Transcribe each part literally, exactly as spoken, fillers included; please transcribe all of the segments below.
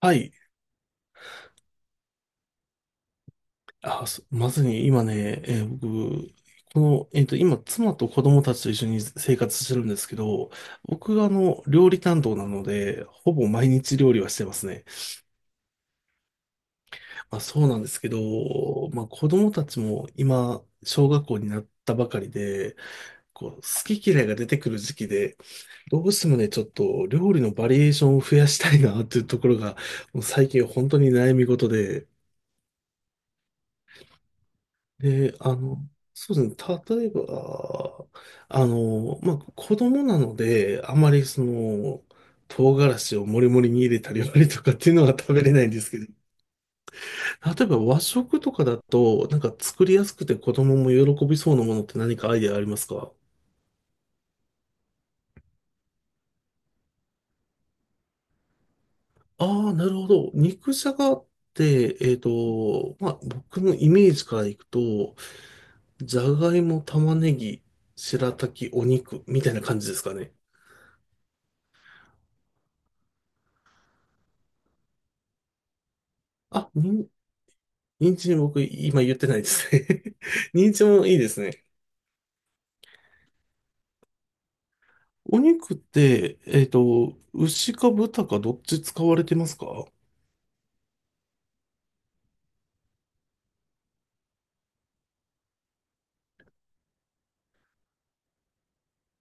はい。あ、そまずに今ね、えー僕、この、えっと、今、妻と子供たちと一緒に生活してるんですけど、僕があの、料理担当なので、ほぼ毎日料理はしてますね。まあ、そうなんですけど、まあ、子供たちも今、小学校になったばかりで、こう、好き嫌いが出てくる時期で、どうしてもね、ちょっと料理のバリエーションを増やしたいなっていうところが、もう最近本当に悩み事で、で、あの、そうですね。例えば、あの、まあ、子供なので、あまりその、唐辛子をもりもりに入れたり割りとかっていうのは食べれないんですけど、例えば和食とかだと、なんか作りやすくて子供も喜びそうなものって何かアイデアありますか？ああ、なるほど。肉じゃがって、えっと、まあ、僕のイメージからいくと、じゃがいも、玉ねぎ、白滝、お肉みたいな感じですかね。あ、に人参僕今言ってないですね。 人参もいいですね。お肉って、えっと、牛か豚かどっち使われてますか？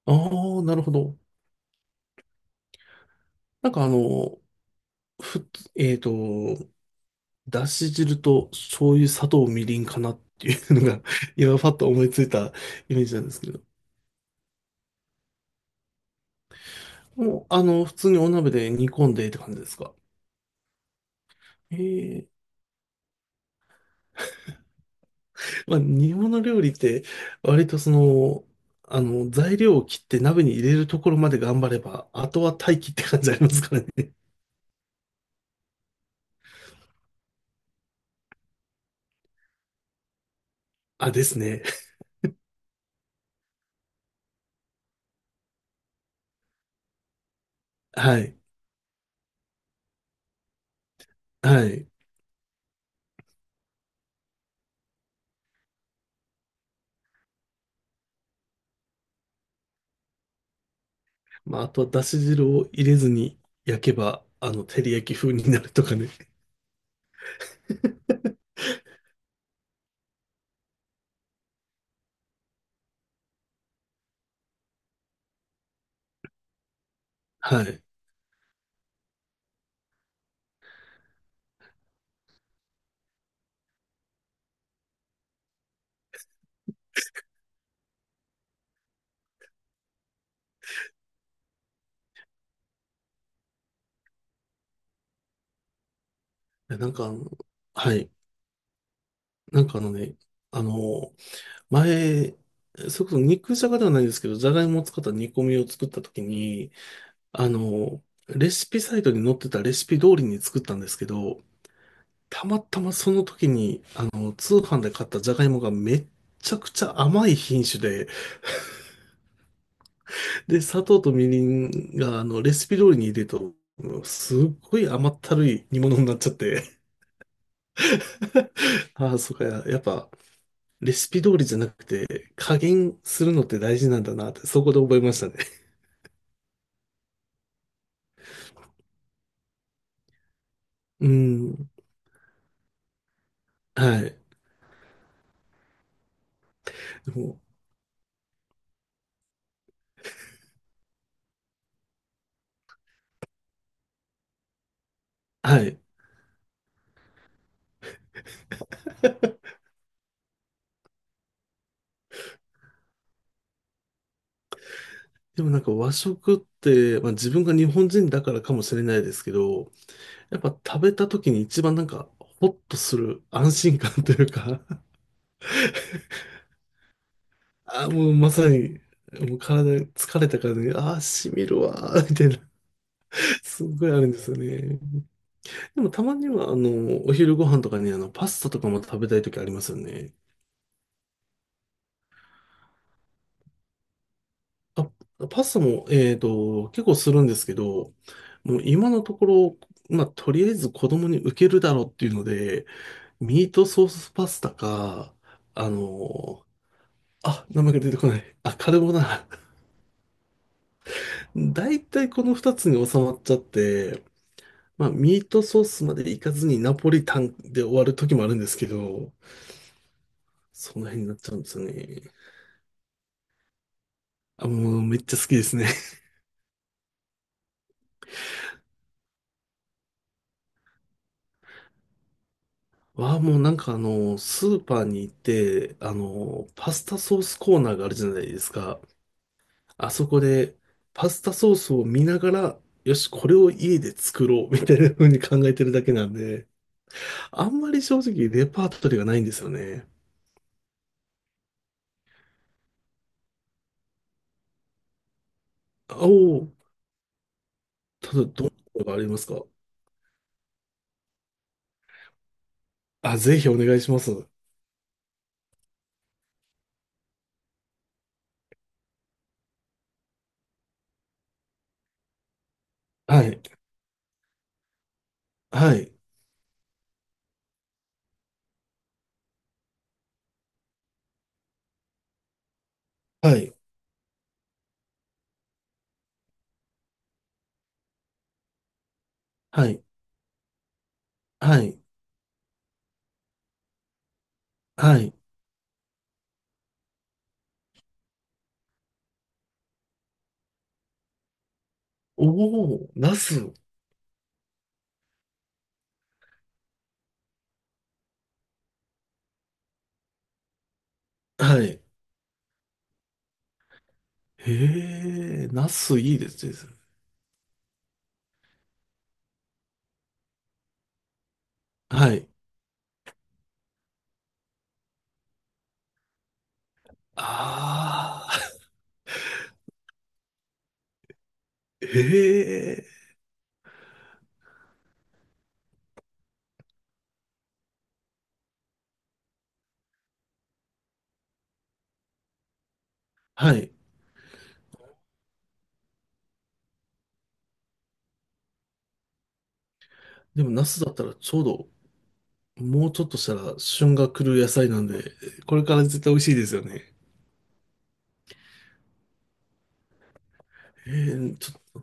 ああ、なるほど。なんかあの、ふ、えっと、だし汁と醤油、砂糖、みりんかなっていうのが、 今パッと思いついたイメージなんですけど。もう、あの、普通にお鍋で煮込んでって感じですか？えまあ、煮物料理って、割とその、あの、材料を切って鍋に入れるところまで頑張れば、あとは待機って感じありますからね。あ、ですね。はい。はい。まあ、あとはだし汁を入れずに焼けば、あの、照り焼き風になるとかね。はい。えなんかあの、はい。なんかあのね、あの、前、それこそ肉じゃがではないんですけど、じゃがいもを使った煮込みを作った時に、あの、レシピサイトに載ってたレシピ通りに作ったんですけど、たまたまその時に、あの、通販で買ったじゃがいもがめっちゃくちゃ甘い品種で、で、砂糖とみりんが、あの、レシピ通りに入れると、すっごい甘ったるい煮物になっちゃって、ああ、そうか、ややっぱ、レシピ通りじゃなくて、加減するのって大事なんだなって、そこで覚えましたね。うん、はい。でも、はい。でもなんか和食って、まあ、自分が日本人だからかもしれないですけど、やっぱ食べた時に一番なんかホッとする安心感というか、ああ、もうまさに、もう体疲れたからね、ああ、しみるわー、みたいな、すっごいあるんですよね。でもたまには、あの、お昼ご飯とかにあの、パスタとかも食べたい時ありますよね。あ、パスタも、えっと、結構するんですけど、もう今のところ、まあ、とりあえず子供に受けるだろうっていうので、ミートソースパスタか、あの、あ、名前が出てこない。あ、カルボナーラ。だいたいこの二つに収まっちゃって、まあ、ミートソースまでいかずにナポリタンで終わる時もあるんですけど、その辺になっちゃうんですよね。あ、もうめっちゃ好きですね。わあ、もうなんかあの、スーパーに行って、あの、パスタソースコーナーがあるじゃないですか。あそこで、パスタソースを見ながら、よし、これを家で作ろう、みたいな風に考えてるだけなんで、あんまり正直レパートリーがないんですよね。おお、ただ、どんなことがありますか？あ、ぜひお願いします。はい。はい。はい。はい。はい。はい。おお、ナス。はい。へえ、ナスいいですね。はい。ああ、へえ。はい。でもナスだったらちょうど、もうちょっとしたら旬が来る野菜なんで、これから絶対美味しいですよね。えー、ちょっ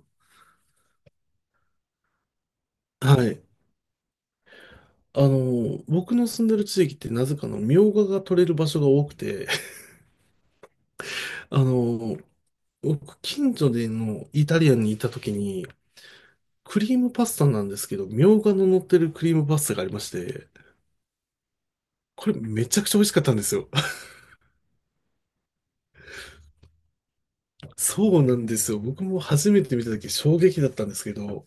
と、はい。あの、僕の住んでる地域ってなぜかの、みょうがが取れる場所が多くて、あの、僕、近所でのイタリアンにいた時に、クリームパスタなんですけど、みょうがの乗ってるクリームパスタがありまして、これめちゃくちゃ美味しかったんですよ。そうなんですよ。僕も初めて見た時衝撃だったんですけど、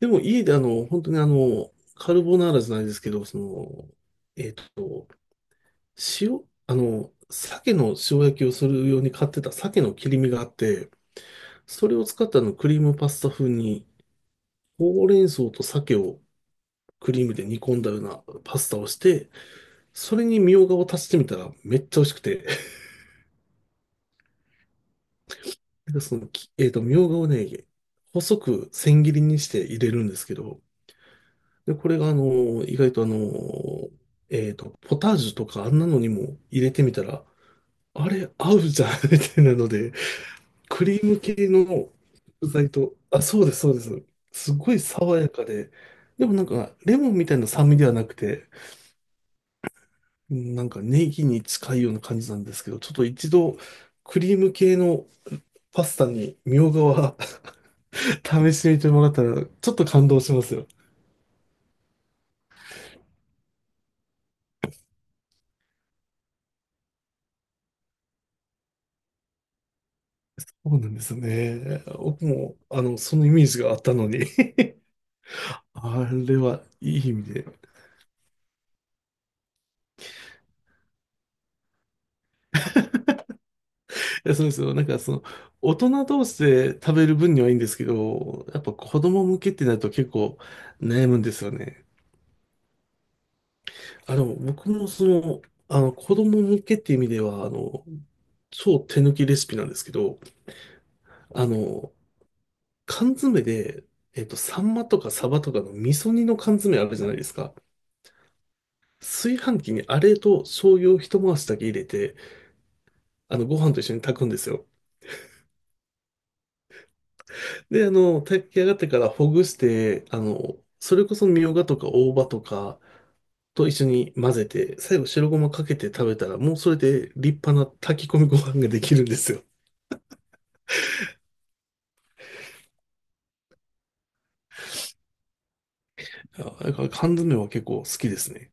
でも家であの、本当にあの、カルボナーラじゃないですけど、その、えっと、塩、あの、鮭の塩焼きをするように買ってた鮭の切り身があって、それを使ったあのクリームパスタ風に、ほうれん草と鮭をクリームで煮込んだようなパスタをして、それにみょうがを足してみたらめっちゃ美味しくて、なんかそのき、えっと、みょうがをね、細く千切りにして入れるんですけど、で、これがあの、意外とあの、えっと、ポタージュとかあんなのにも入れてみたら、あれ、合うじゃん みたいなので、クリーム系の具材と、あ、そうです、そうです。すごい爽やかで、でもなんか、レモンみたいな酸味ではなくて、うんなんかネギに近いような感じなんですけど、ちょっと一度、クリーム系のパスタにみょうがは 試してみてもらったら、ちょっと感動しますよ。そうなんですよね。僕も、あの、そのイメージがあったのに あれはいい意味でいや、そうですよ。なんかその、大人同士で食べる分にはいいんですけど、やっぱ子供向けってなると結構悩むんですよね。あの、僕もその、あの、子供向けっていう意味では、あの、超手抜きレシピなんですけど、あの、缶詰で、えっと、サンマとかサバとかの味噌煮の缶詰あるじゃないですか。炊飯器にあれと醤油を一回しだけ入れて、あの、ご飯と一緒に炊くんですよ。で、あの、炊き上がってからほぐして、あの、それこそみょうがとか大葉とかと一緒に混ぜて、最後白ごまかけて食べたら、もうそれで立派な炊き込みご飯ができるんですよ。あだから缶詰は結構好きですね。